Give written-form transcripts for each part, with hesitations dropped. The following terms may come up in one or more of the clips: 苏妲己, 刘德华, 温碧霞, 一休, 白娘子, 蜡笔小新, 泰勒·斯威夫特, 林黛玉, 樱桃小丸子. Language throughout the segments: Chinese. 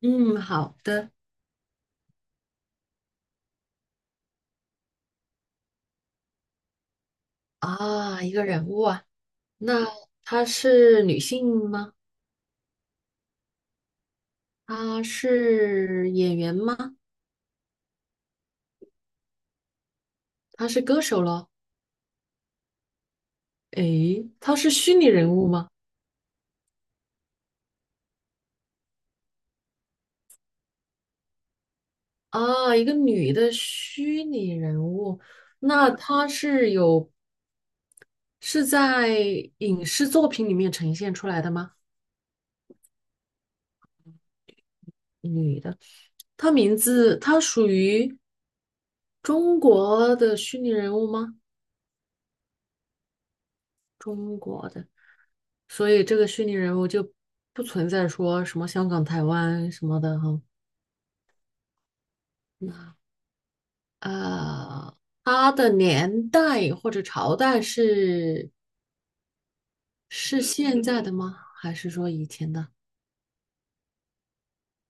嗯，好的。啊，一个人物啊。那她是女性吗？她是演员吗？她是歌手咯？诶，她是虚拟人物吗？啊，一个女的虚拟人物。那她是在影视作品里面呈现出来的吗？女的，她名字她属于中国的虚拟人物吗？中国的。所以这个虚拟人物就不存在说什么香港、台湾什么的哈。呃，它的年代或者朝代是现在的吗？还是说以前的？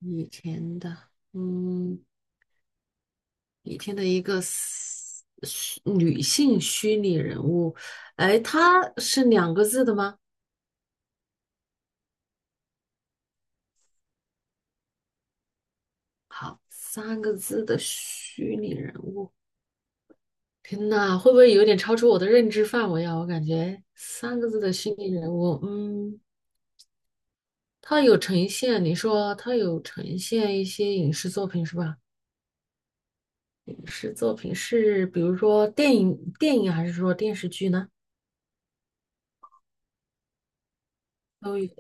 以前的。嗯，以前的一个 女性虚拟人物。哎，她是两个字的吗？三个字的虚拟人物。天呐，会不会有点超出我的认知范围啊？我感觉三个字的虚拟人物。嗯，他有呈现，你说他有呈现一些影视作品是吧？影视作品是比如说电影还是说电视剧呢？都有。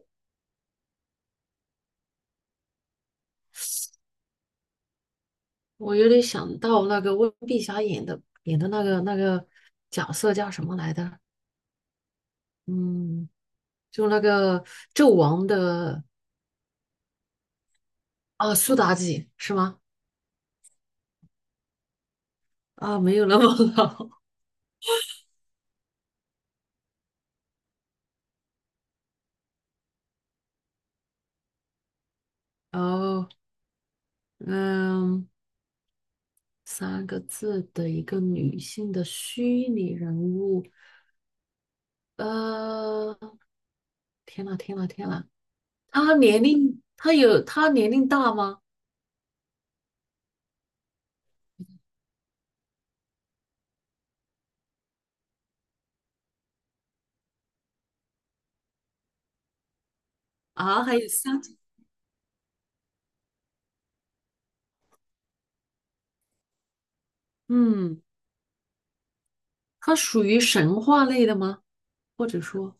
我有点想到那个温碧霞演的那个角色叫什么来的？嗯，就那个纣王的。啊，苏妲己是吗？啊，没有那么老。哦，嗯。三个字的一个女性的虚拟人物。呃，天呐，天呐，天呐，她年龄大吗？啊，还有三。嗯，她属于神话类的吗？或者说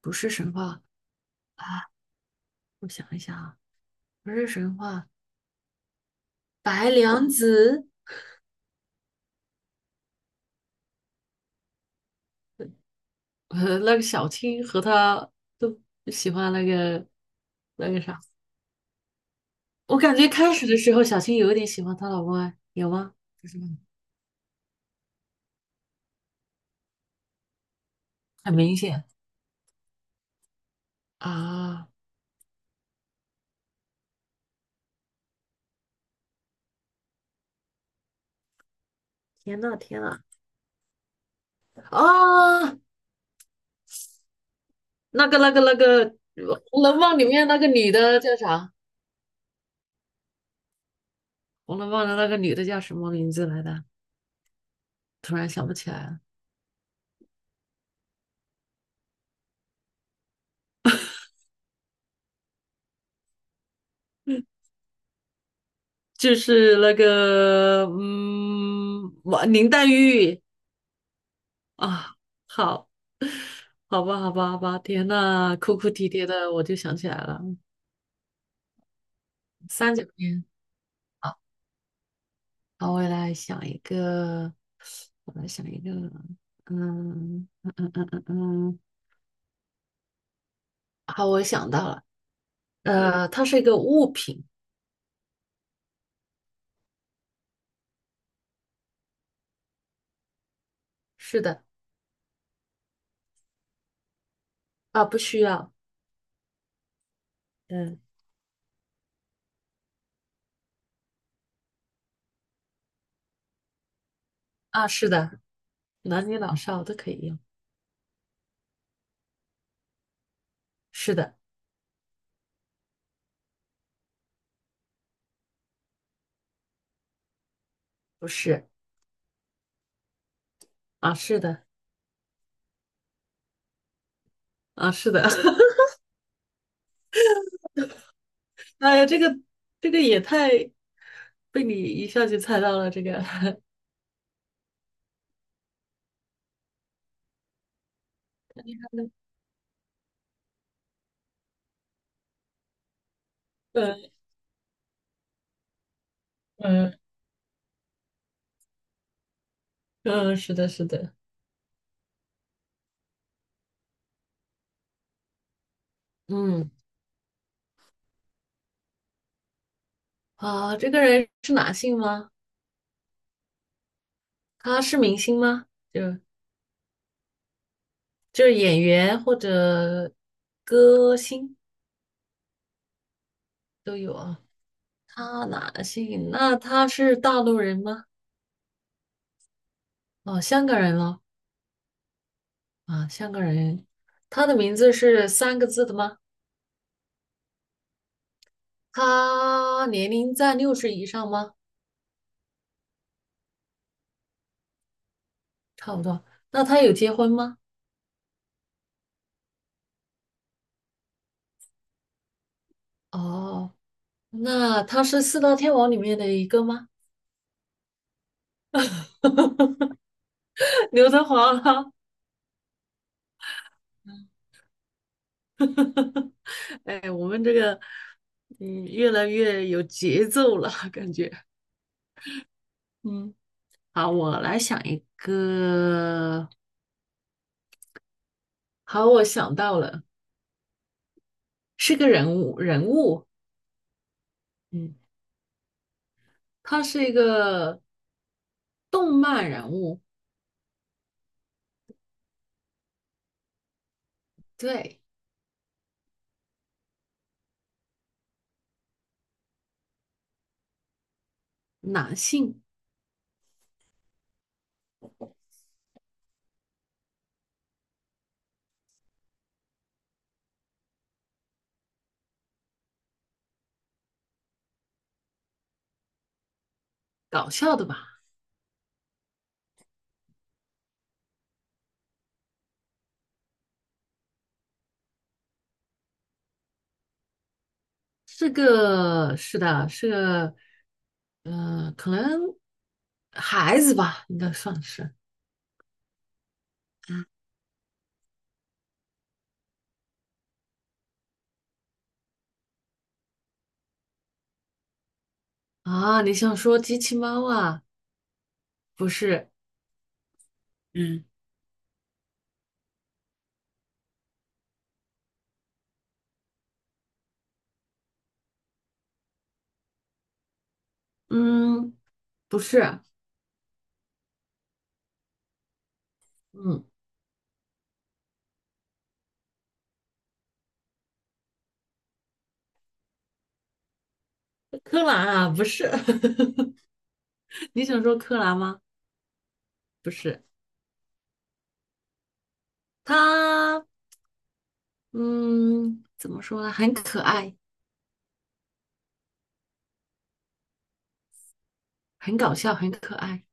不是神话啊？我想一想啊，不是神话。白娘子，那个小青和她都喜欢那个那个啥。我感觉开始的时候小青有一点喜欢她老公哎，有吗？就是吧很明显。啊，天呐天呐。啊，那个红楼梦》里面那个女的叫啥？《红楼梦》的那个女的叫什么名字来的？突然想不起来了。就是那个嗯，我林黛玉。啊，好，好吧，好吧，好吧，天呐，哭哭啼啼的，我就想起来了。三九年。好，好，我来想一个。嗯嗯嗯嗯嗯嗯，好，我想到了。它是一个物品。是的。啊，不需要。嗯。啊，是的。男女老少都可以用。是的。不是。啊，是的。啊，是的。哎呀，这个也太被你一下就猜到了，这个。嗯嗯嗯，是的，是的。嗯。啊，这个人是男性吗？他是明星吗？就就是演员或者歌星都有啊。他男性，那他是大陆人吗？哦，香港人咯。啊，香港人。他的名字是三个字的吗？他年龄在60以上吗？差不多。那他有结婚吗？哦，那他是四大天王里面的一个吗？刘德华啦。哎，我们这个，嗯，越来越有节奏了，感觉。嗯，好，我来想一个。好，我想到了。是个人物。嗯，他是一个动漫人物。对，男性。搞笑的吧？是个，是的，是个，可能孩子吧，应该算是啊。你想说机器猫啊？不是。嗯，嗯。不是。嗯。柯南啊，不是。你想说柯南吗？不是。他，嗯，怎么说呢？很可爱，很搞笑，很可爱。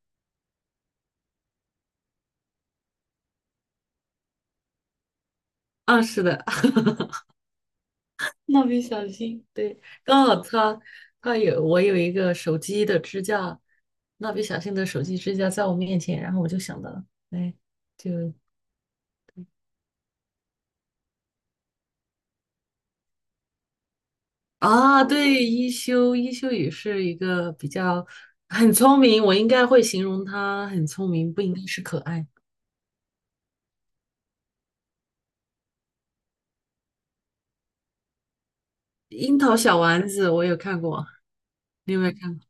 啊，是的。蜡笔小新，对，刚好他他有我有一个手机的支架。蜡笔小新的手机支架在我面前，然后我就想到了。哎，就啊，对。一休也是一个很聪明。我应该会形容他很聪明，不应该是可爱。樱桃小丸子我有看过，你有没有看过？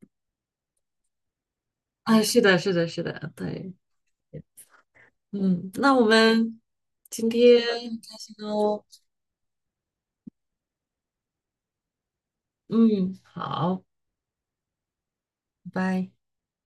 啊，是的，是的，是的，对。嗯，那我们今天很开心哦。嗯，好，拜拜。